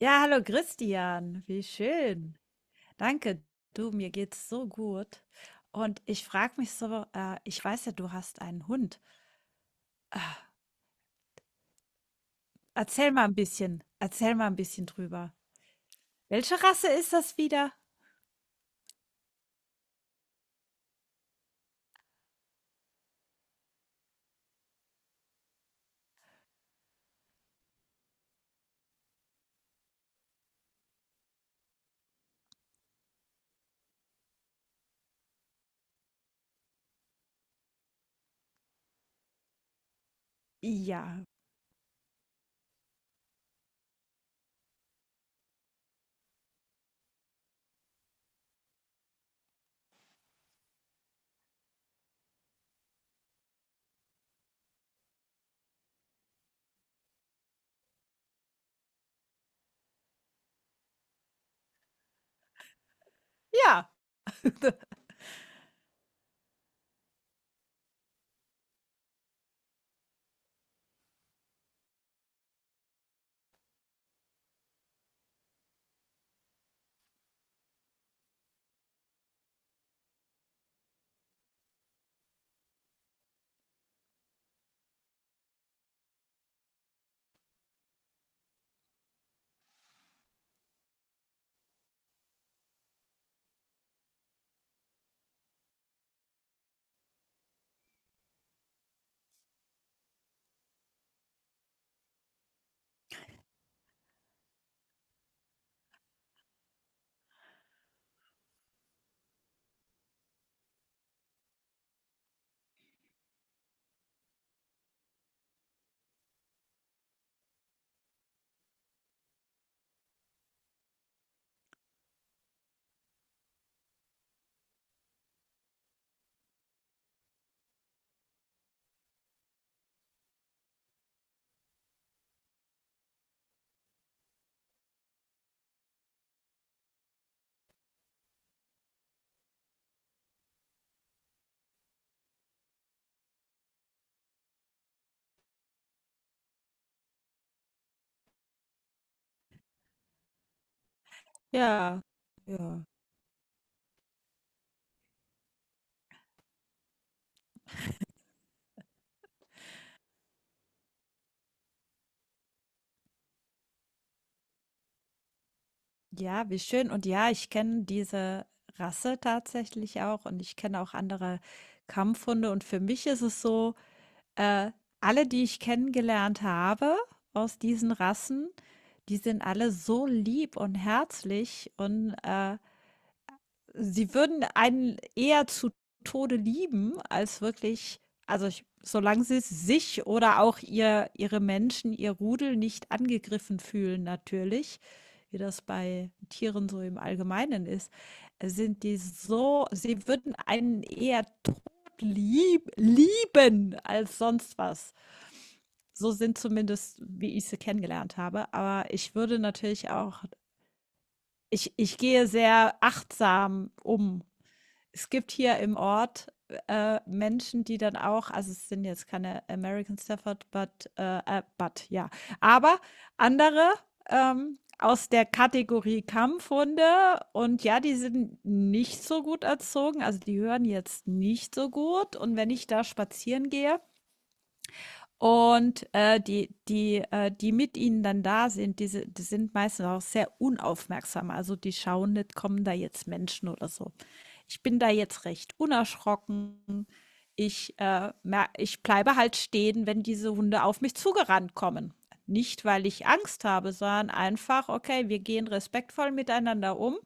Ja, hallo Christian, wie schön. Danke, du, mir geht's so gut. Und ich frage mich so, ich weiß ja, du hast einen Hund. Erzähl mal ein bisschen, erzähl mal ein bisschen drüber. Welche Rasse ist das wieder? Ja, ja, ja, ja. Ja, wie schön. Und ja, ich kenne diese Rasse tatsächlich auch und ich kenne auch andere Kampfhunde. Und für mich ist es so, äh, alle, die ich kennengelernt habe aus diesen Rassen, die sind alle so lieb und herzlich, und sie würden einen eher zu Tode lieben, als wirklich, also ich, solange sie sich oder auch ihre Menschen, ihr Rudel, nicht angegriffen fühlen, natürlich, wie das bei Tieren so im Allgemeinen ist, sind die so, sie würden einen eher todlieb lieben als sonst was. So sind zumindest, wie ich sie kennengelernt habe, aber ich würde natürlich auch, ich gehe sehr achtsam um, es gibt hier im Ort, Menschen, die dann auch, also es sind jetzt keine American Stafford, but, but ja, aber andere, aus der Kategorie Kampfhunde, und ja, die sind nicht so gut erzogen, also die hören jetzt nicht so gut, und wenn ich da spazieren gehe, und die mit ihnen dann da sind, die sind meistens auch sehr unaufmerksam. Also die schauen nicht, kommen da jetzt Menschen oder so. Ich bin da jetzt recht unerschrocken. Ich bleibe halt stehen, wenn diese Hunde auf mich zugerannt kommen. Nicht, weil ich Angst habe, sondern einfach, okay, wir gehen respektvoll miteinander um.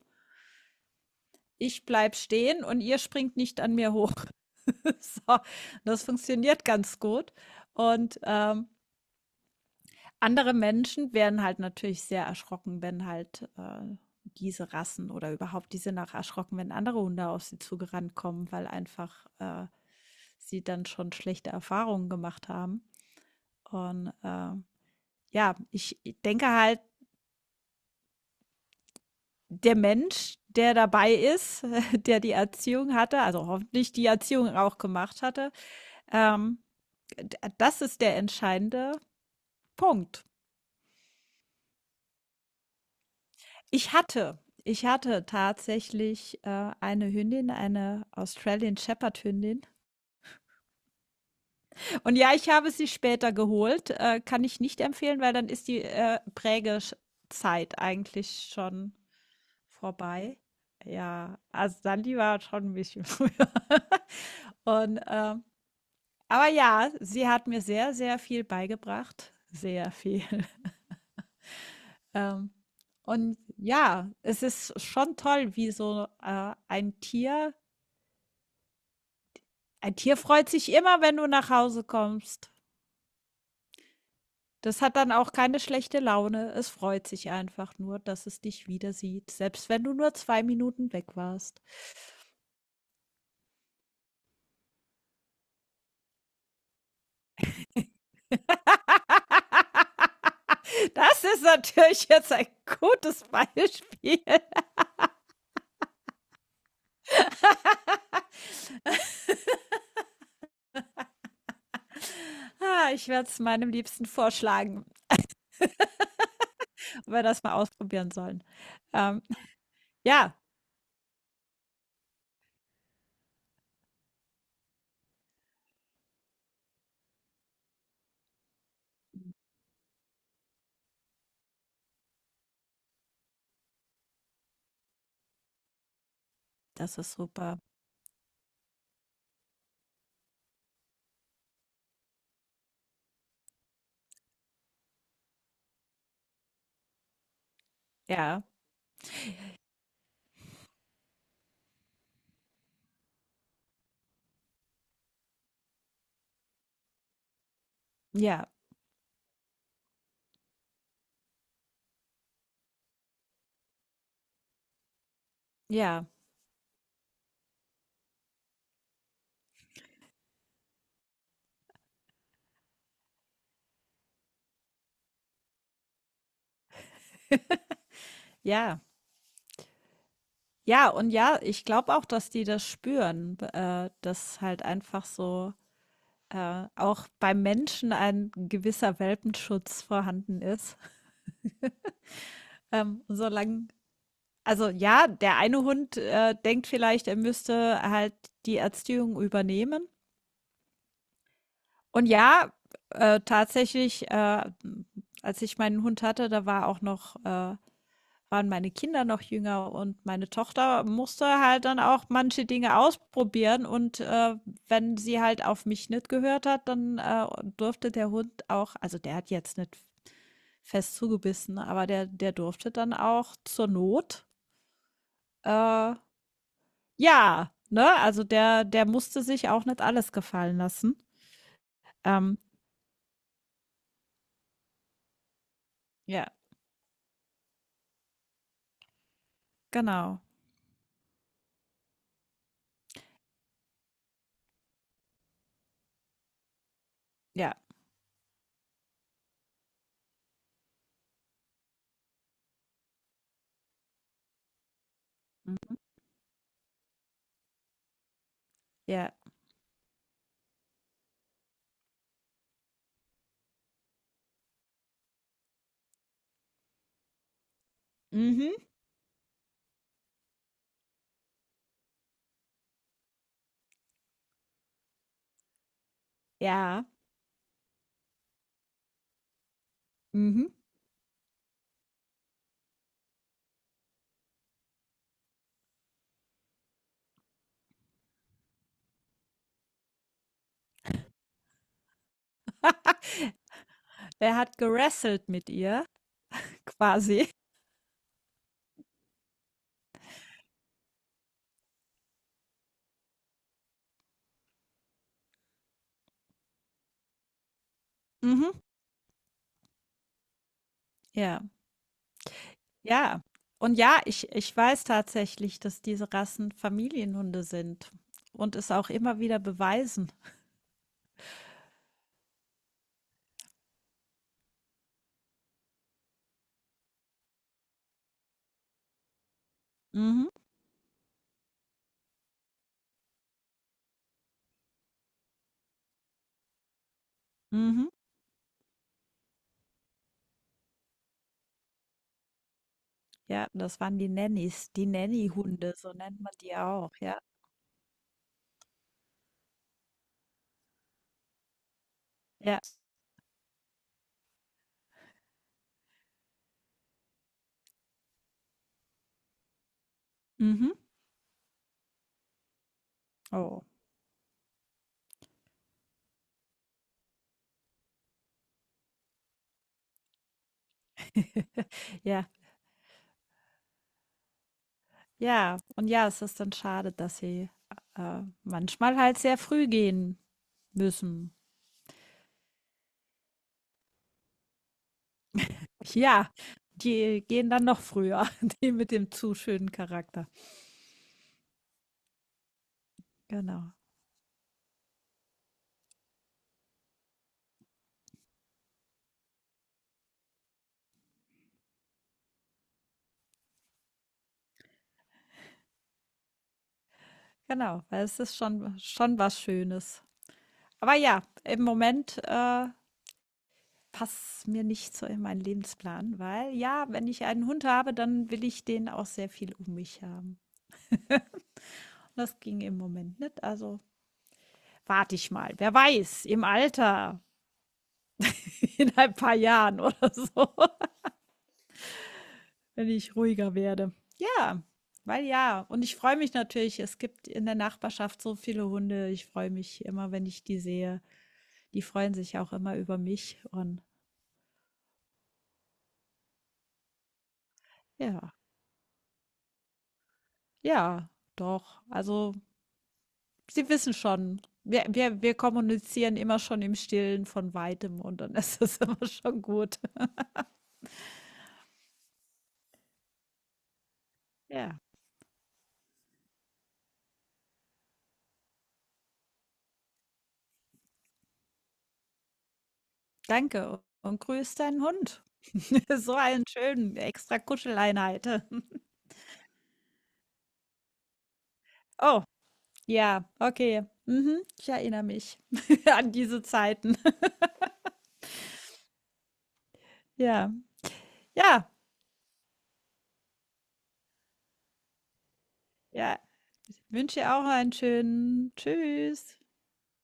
Ich bleib stehen und ihr springt nicht an mir hoch. So, das funktioniert ganz gut. Und andere Menschen werden halt natürlich sehr erschrocken, wenn halt, diese Rassen, oder überhaupt, die sind auch erschrocken, wenn andere Hunde auf sie zugerannt kommen, weil einfach, sie dann schon schlechte Erfahrungen gemacht haben. Und, ja, ich denke halt, der Mensch, der dabei ist, der die Erziehung hatte, also hoffentlich die Erziehung auch gemacht hatte. Ähm, d das ist der entscheidende Punkt. Ich hatte ich hatte tatsächlich, eine Hündin, eine Australian Shepherd Hündin. Und ja, ich habe sie später geholt, kann ich nicht empfehlen, weil dann ist die, Prägesch eigentlich schon vorbei. Ja, also Sandy war schon ein bisschen früher. Und, aber ja, sie hat mir sehr, sehr viel beigebracht, sehr viel. Ähm, und ja, es ist schon toll, wie so ein Tier freut sich immer, wenn du nach Hause kommst. Das hat dann auch keine schlechte Laune. Es freut sich einfach nur, dass es dich wieder sieht, selbst wenn du nur 2 Minuten weg warst. Das ist natürlich jetzt ein gutes Beispiel. Ah, ich werde es meinem Liebsten vorschlagen, ob wir das mal ausprobieren sollen. Ähm, ja. Das ist super. Ja, ja, ja, ja. Ja, und ja, ich glaube auch, dass die das spüren, dass halt einfach so, auch beim Menschen, ein gewisser Welpenschutz vorhanden ist. Solange, also ja, der eine Hund, denkt vielleicht, er müsste halt die Erziehung übernehmen. Und ja, tatsächlich, als ich meinen Hund hatte, da war auch noch, waren meine Kinder noch jünger, und meine Tochter musste halt dann auch manche Dinge ausprobieren, und, wenn sie halt auf mich nicht gehört hat, dann, durfte der Hund auch, also, der hat jetzt nicht fest zugebissen, aber der durfte dann auch zur Not, äh, ja, ne? Also, der musste sich auch nicht alles gefallen lassen. Ähm, ja, genau. Ja. Hm. Ja. Mhm. Ja. Mhm. Er hat gerasselt mit ihr, quasi. Mhm. Ja, ja. Und ja, ich weiß tatsächlich, dass diese Rassen Familienhunde sind und es auch immer wieder beweisen. Mhm, mhm. Ja, das waren die Nannies, die Nannyhunde, so nennt man die auch, ja. Ja. Mhm. Oh. Ja. Ja. Und ja, es ist dann schade, dass sie, manchmal halt sehr früh gehen müssen. Ja, die gehen dann noch früher, die mit dem zu schönen Charakter. Genau. Genau, weil es ist schon, schon was Schönes. Aber ja, im Moment, passt mir nicht so in meinen Lebensplan, weil, ja, wenn ich einen Hund habe, dann will ich den auch sehr viel um mich haben. Und das ging im Moment nicht. Also warte ich mal. Wer weiß, im Alter, in ein paar Jahren oder so, wenn ich ruhiger werde. Ja, weil, ja. Und ich freue mich natürlich, es gibt in der Nachbarschaft so viele Hunde. Ich freue mich immer, wenn ich die sehe. Die freuen sich auch immer über mich. Und ja, ja, doch. Also, sie wissen schon. Wir kommunizieren immer schon im Stillen von Weitem, und dann ist das immer schon gut. Ja, danke, und grüß deinen Hund. So einen schönen extra Kuscheleinheit. Oh, ja, okay. Mhm, ich erinnere mich an diese Zeiten. Ja, ja, ja. Ich wünsche dir auch einen schönen. Tschüss.